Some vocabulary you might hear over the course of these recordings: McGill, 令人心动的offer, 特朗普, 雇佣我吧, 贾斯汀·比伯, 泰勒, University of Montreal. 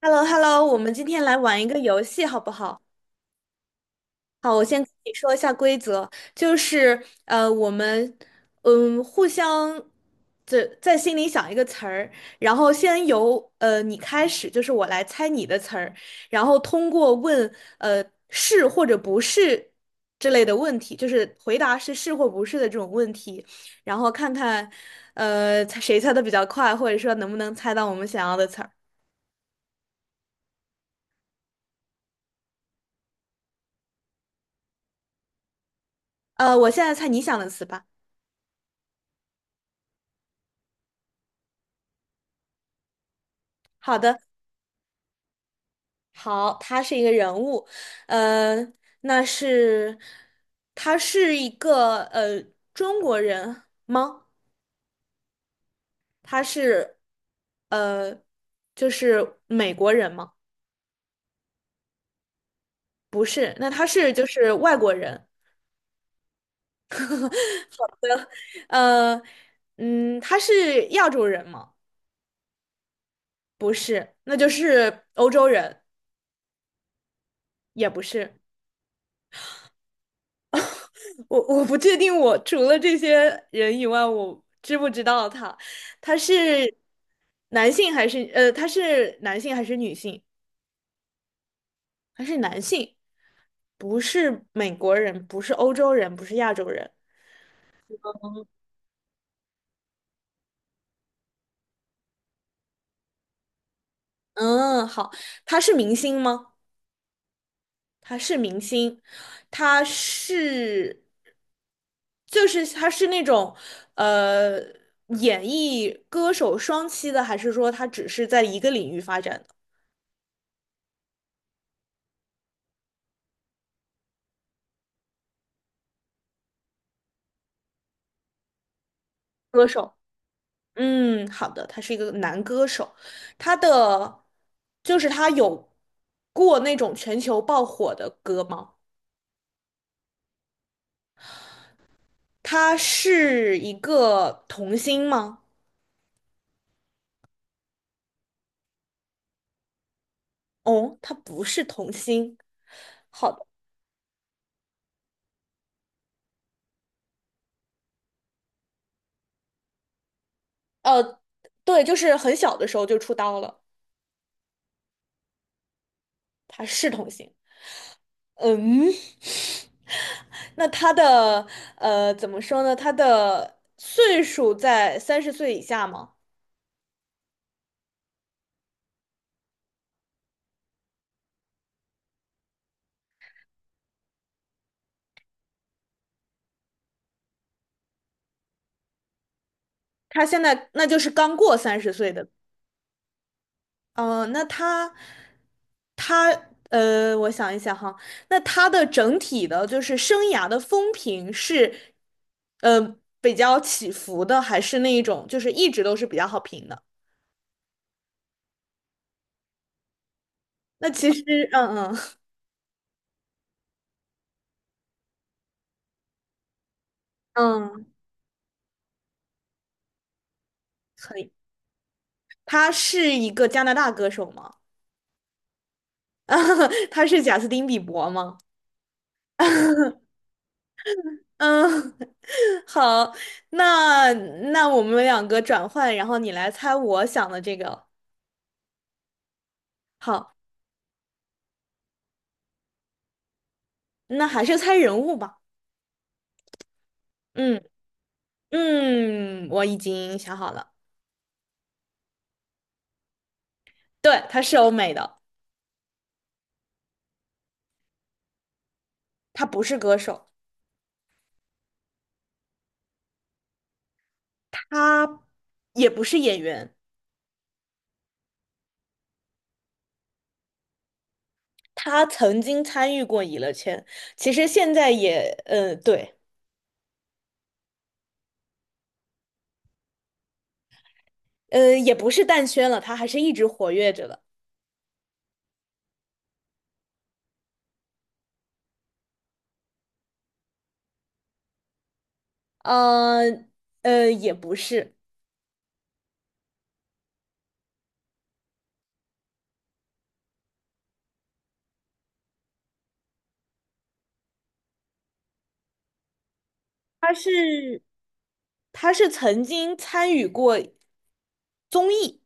h e l l o h e l l o 我们今天来玩一个游戏，好不好？好，我先跟你说一下规则，就是我们互相这在心里想一个词儿，然后先由你开始，就是我来猜你的词儿，然后通过问呃是或者不是之类的问题，就是回答是或不是的这种问题，然后看看猜谁猜的比较快，或者说能不能猜到我们想要的词儿。我现在猜你想的词吧。好的。好，他是一个人物，呃，那是他是一个中国人吗？他是呃就是美国人吗？不是，那他是就是外国人，呃他是亚洲人吗？不是，那就是欧洲人，也不是。我不确定，我除了这些人以外，我知不知道他？他是他是男性还是女性？他是男性，不是美国人，不是欧洲人，不是亚洲人。嗯，好，他是明星吗？他是明星，他是就是他是那种呃演艺歌手双栖的，还是说他只是在一个领域发展的歌手？嗯，好的，他是一个男歌手，他的就是他有过那种全球爆火的歌吗？他是一个童星吗？哦，他不是童星。好的，呃，对，就是很小的时候就出道了，他是童星。嗯，那他的怎么说呢？他的岁数在三十岁以下吗？他现在那就是刚过三十岁的。呃，那他，他，呃，我想一想哈，那他的整体的，就是生涯的风评是，比较起伏的，还是那一种，就是一直都是比较好评的？那其实 嗯嗯 嗯，可以。他是一个加拿大歌手吗？他是贾斯汀·比伯吗？嗯，好，那那我们两个转换，然后你来猜我想的这个。好，那还是猜人物吧。嗯嗯，我已经想好了，对，他是欧美的，他不是歌手，他也不是演员，他曾经参与过娱乐圈，其实现在也，对，也不是淡圈了，他还是一直活跃着的，呃，也不是，他是他是曾经参与过综艺，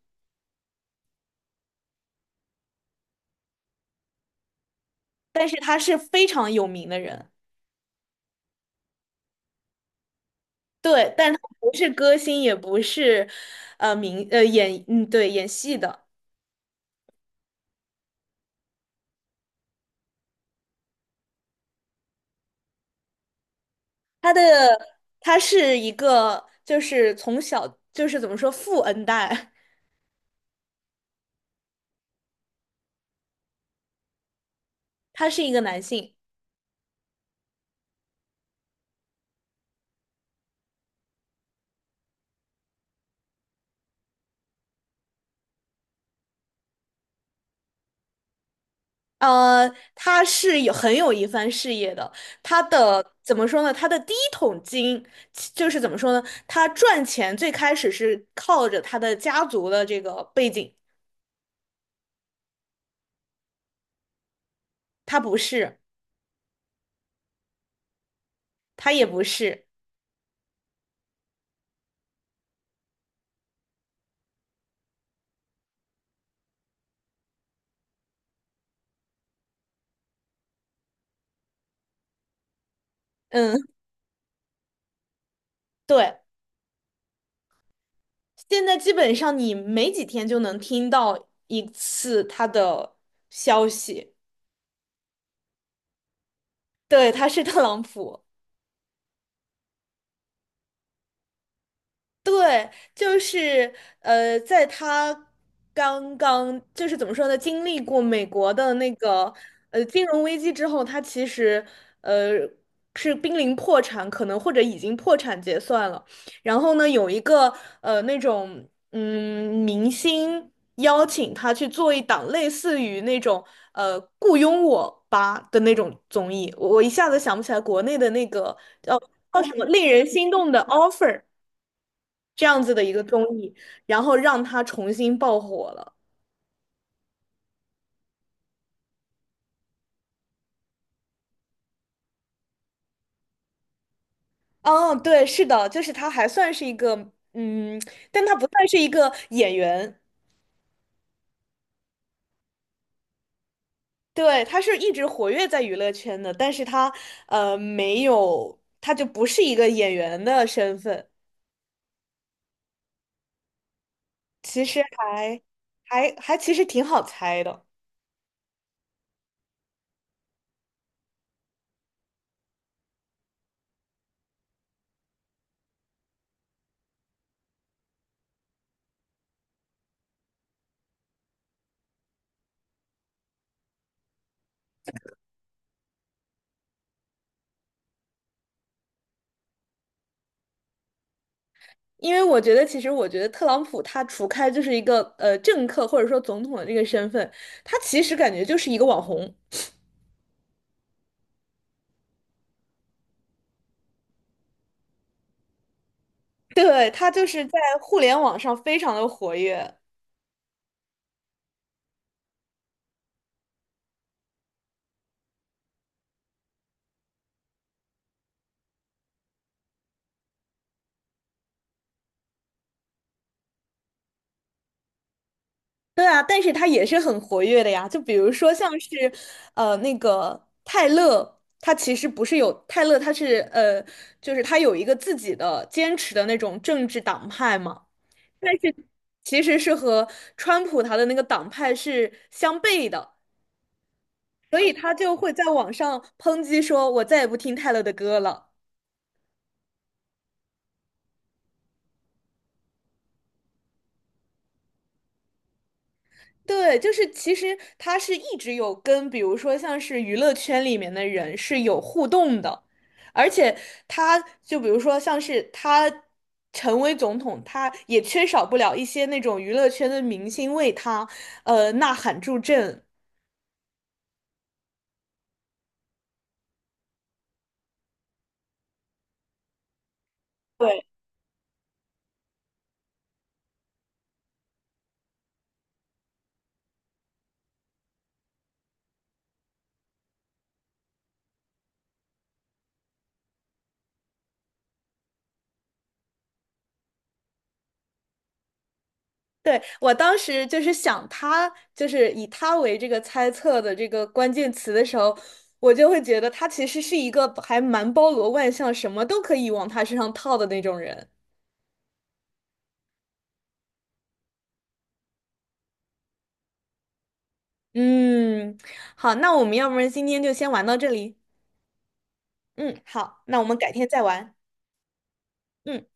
但是他是非常有名的人。对，但他不是歌星，也不是，呃，明呃演嗯对演戏的。他的他是一个，就是从小就是怎么说富恩代，他是一个男性，他是有很有一番事业的。他的怎么说呢？他的第一桶金就是怎么说呢？他赚钱最开始是靠着他的家族的这个背景，他不是，他也不是，嗯，对。现在基本上你没几天就能听到一次他的消息，对，他是特朗普。对，就是在他刚刚就是怎么说呢，经历过美国的那个金融危机之后，他其实呃是濒临破产，可能或者已经破产结算了。然后呢，有一个那种明星邀请他去做一档类似于那种《雇佣我吧》的那种综艺，我一下子想不起来国内的那个叫什么令人心动的 offer。这样子的一个综艺，然后让他重新爆火了。哦，对，是的，就是他还算是一个，嗯，但他不算是一个演员，对，他是一直活跃在娱乐圈的，但是他没有，他就不是一个演员的身份，其实还还还其实挺好猜的，因为我觉得，其实我觉得特朗普他除开就是一个政客或者说总统的这个身份，他其实感觉就是一个网红。对，他就是在互联网上非常的活跃。对啊，但是他也是很活跃的呀。就比如说像是，那个泰勒，他其实不是有泰勒，他是就是他有一个自己的坚持的那种政治党派嘛。但是其实是和川普他的那个党派是相悖的，所以他就会在网上抨击说："我再也不听泰勒的歌了。"对，就是其实他是一直有跟，比如说像是娱乐圈里面的人是有互动的，而且他就比如说像是他成为总统，他也缺少不了一些那种娱乐圈的明星为他呐喊助阵。对，对，我当时就是想他，就是以他为这个猜测的这个关键词的时候，我就会觉得他其实是一个还蛮包罗万象，什么都可以往他身上套的那种人。嗯，好，那我们要不然今天就先玩到这里。嗯，好，那我们改天再玩。嗯。